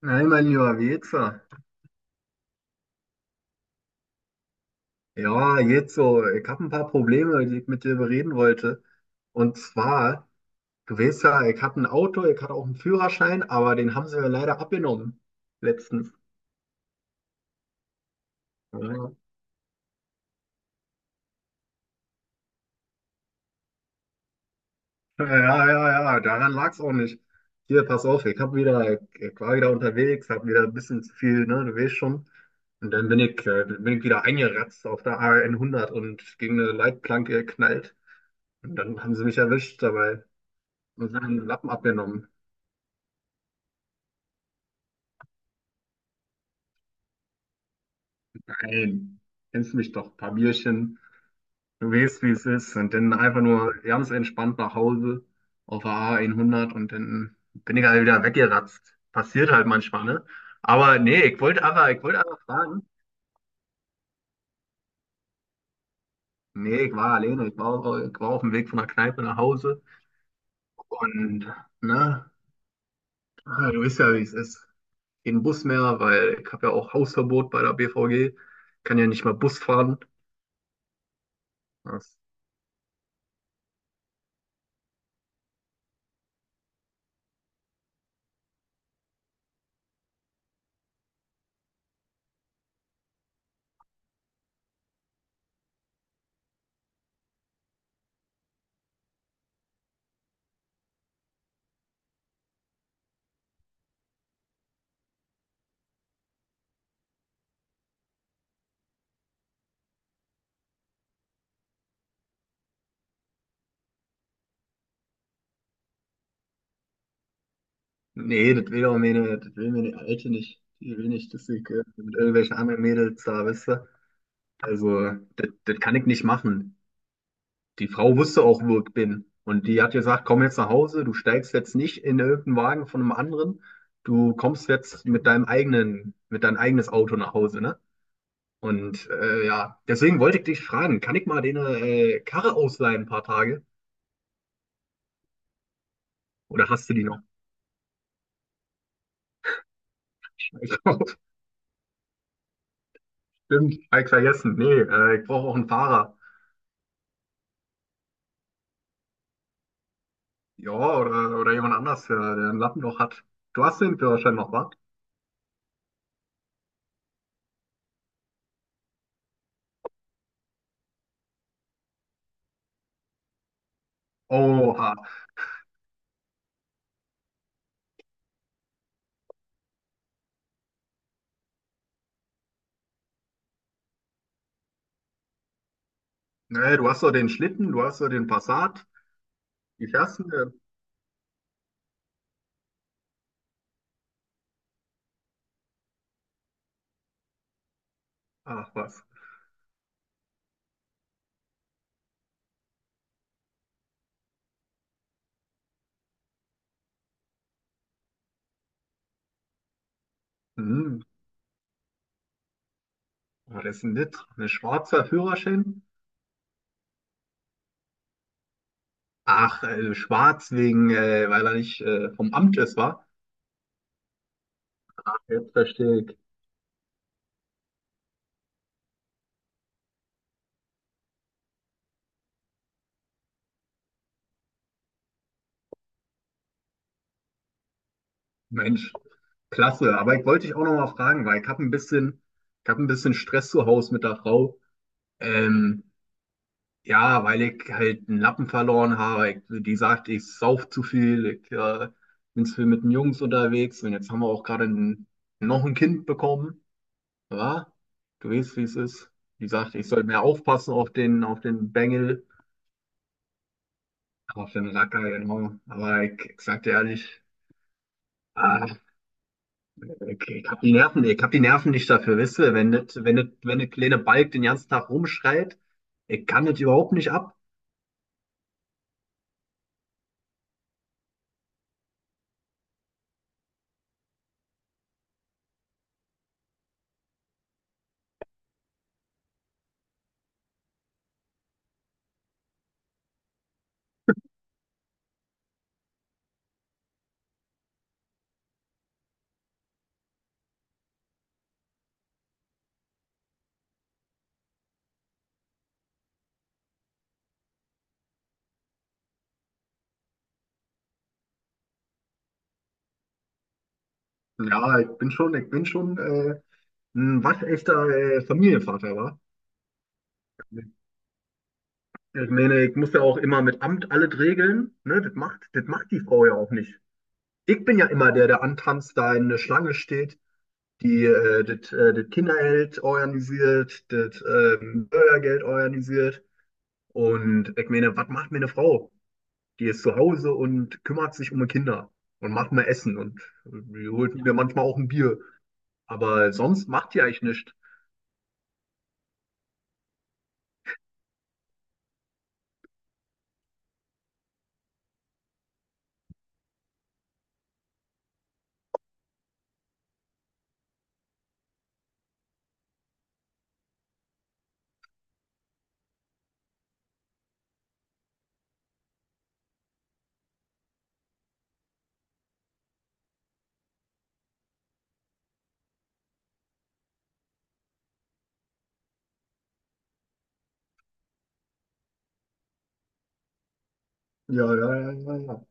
Nein, mein lieber Jetzer. Ja, jetzt so, ich habe ein paar Probleme, die ich mit dir bereden wollte. Und zwar, du weißt ja, ich habe ein Auto, ich hatte auch einen Führerschein, aber den haben sie mir leider abgenommen letztens. Ja, ja, ja, ja, daran lag es auch nicht. Hier, pass auf, ich war wieder unterwegs, hab wieder ein bisschen zu viel, ne, du weißt schon. Und dann bin ich wieder eingeratzt auf der A 100 und gegen eine Leitplanke geknallt. Und dann haben sie mich erwischt dabei und haben den Lappen abgenommen. Ey, kennst mich doch, paar Bierchen, du weißt, wie es ist. Und dann einfach nur ganz entspannt nach Hause auf der A100 und dann bin ich halt wieder weggeratzt. Passiert halt manchmal, ne? Aber nee, ich wollte einfach fragen. Nee, ich war alleine, ich war auf dem Weg von der Kneipe nach Hause und, ne, du weißt ja, wie es ist. Kein Bus mehr, weil ich habe ja auch Hausverbot bei der BVG, kann ja nicht mal Bus fahren. Nee, das will meine Alte nicht. Die will nicht, dass ich mit irgendwelchen anderen Mädels da, weißt du? Also, das kann ich nicht machen. Die Frau wusste auch, wo ich bin. Und die hat gesagt, komm jetzt nach Hause, du steigst jetzt nicht in irgendeinen Wagen von einem anderen. Du kommst jetzt mit deinem eigenes Auto nach Hause, ne? Und ja, deswegen wollte ich dich fragen, kann ich mal deine Karre ausleihen ein paar Tage? Oder hast du die noch? Ich glaub, stimmt, hab ich vergessen. Nee, ich brauche auch einen Fahrer. Ja, oder jemand anders, der ein Lappenloch hat. Du hast den Führerschein noch, wa? Oha. Nee, du hast doch den Schlitten, du hast doch den Passat. Wie fährst du denn? Ach, was? Hm, war das ein Lit? Ein schwarzer Führerschein? Ach, schwarz wegen, weil er nicht vom Amt ist, war. Jetzt verstehe ich. Mensch, klasse. Aber ich wollte dich auch noch mal fragen, weil ich hab ein bisschen Stress zu Hause mit der Frau. Ähm, Ja, weil ich halt einen Lappen verloren habe. Die sagt, ich sauf zu viel, ich bin zu viel mit den Jungs unterwegs und jetzt haben wir auch gerade noch ein Kind bekommen. Ja, du weißt, wie es ist. Die sagt, ich soll mehr aufpassen auf den Bengel, auf den Racker, genau. Aber ich sag dir ehrlich, ah, ich hab die Nerven, ich hab die Nerven nicht dafür, weißt du, wenn wenn der kleine Balk den ganzen Tag rumschreit, ich kann das überhaupt nicht ab. Ja, ich bin schon, ich bin schon. Ein waschechter Familienvater war. Ich meine, ich muss ja auch immer mit Amt alles regeln. Ne? Das macht die Frau ja auch nicht. Ich bin ja immer der, der antanzt, da in der Schlange steht, die das das Kindergeld organisiert, das Bürgergeld organisiert. Und ich meine, was macht mir eine Frau? Die ist zu Hause und kümmert sich um die Kinder und macht mir Essen und die holt mir manchmal auch ein Bier. Aber sonst macht die eigentlich nichts. Ja, ja, ja, ja, ja.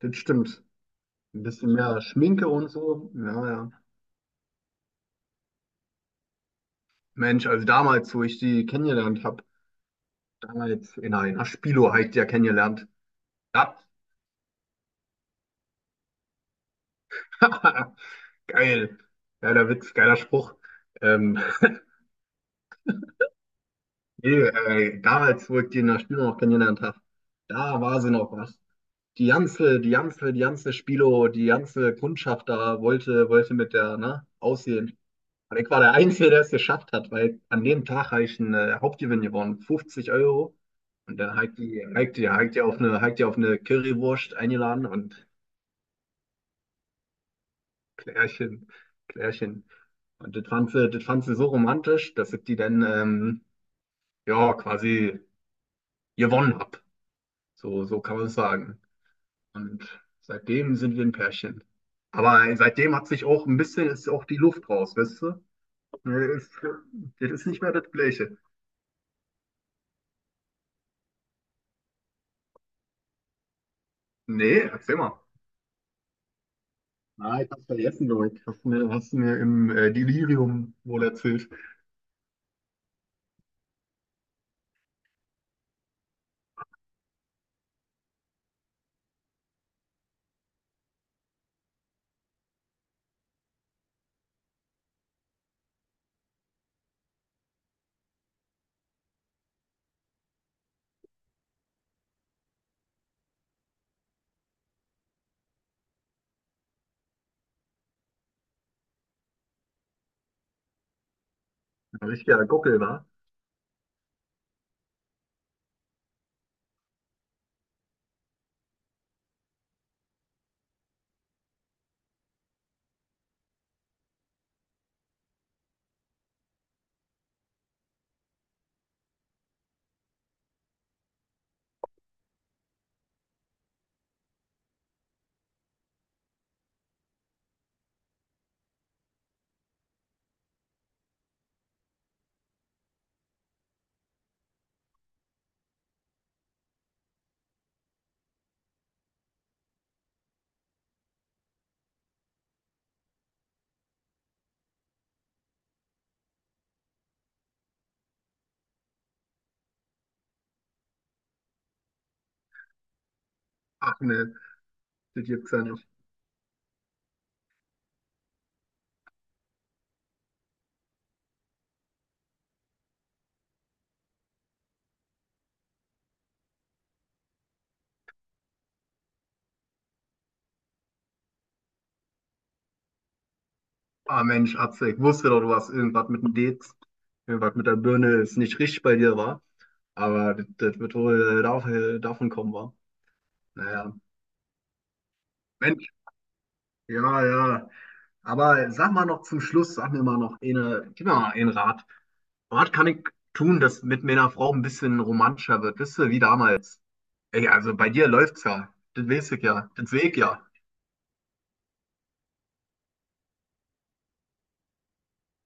Das stimmt. Ein bisschen mehr Schminke und so. Ja, ja. Mensch, also damals, wo ich die kennengelernt habe, damals in einer Spilo habe ich die ja kennengelernt. Ja. Geil. Geiler Witz, geiler Spruch. Ähm, nee, damals, wo ich die in der Spilo noch kennengelernt habe, da war sie noch was. Die ganze Spilo, die ganze Kundschaft da wollte mit der, ne, aussehen. Und ich war der Einzige, der es geschafft hat, weil an dem Tag habe ich einen Hauptgewinn gewonnen, 50 Euro. Und dann hat die auf eine Currywurst eingeladen und. Klärchen, Klärchen. Und das fand sie so romantisch, dass ich die dann, ja, quasi gewonnen habe. So, so kann man es sagen. Und seitdem sind wir ein Pärchen. Aber seitdem hat sich auch ein bisschen, ist auch die Luft raus, weißt du? Das ist, das ist nicht mehr das Gleiche. Nee, erzähl mal. Ah, ich hab's vergessen, glaube ich. Hast du mir im Delirium wohl erzählt. Ein richtiger Gockel war. Ach ne, das gibt's ja nicht. Ah Mensch, Atze, ich wusste doch, du hast irgendwas mit der Birne ist nicht richtig bei dir, war. Aber das wird wohl davon kommen, war. Naja. Mensch, ja, ja. Aber sag mal noch zum Schluss, sag mir mal noch eine, gib mir mal einen Rat. Was kann ich tun, dass mit meiner Frau ein bisschen romantischer wird? Wisst ihr, wie damals? Ey, also bei dir läuft's ja. Das weiß ich ja. Das sehe ich ja.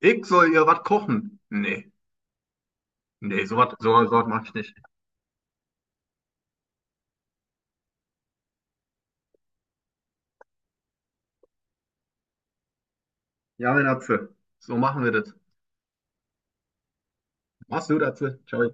Ich soll ihr was kochen. Nee. Nee, so was mach ich nicht. Ja, meine Atze. So machen wir das. Machst du, Atze. Ciao.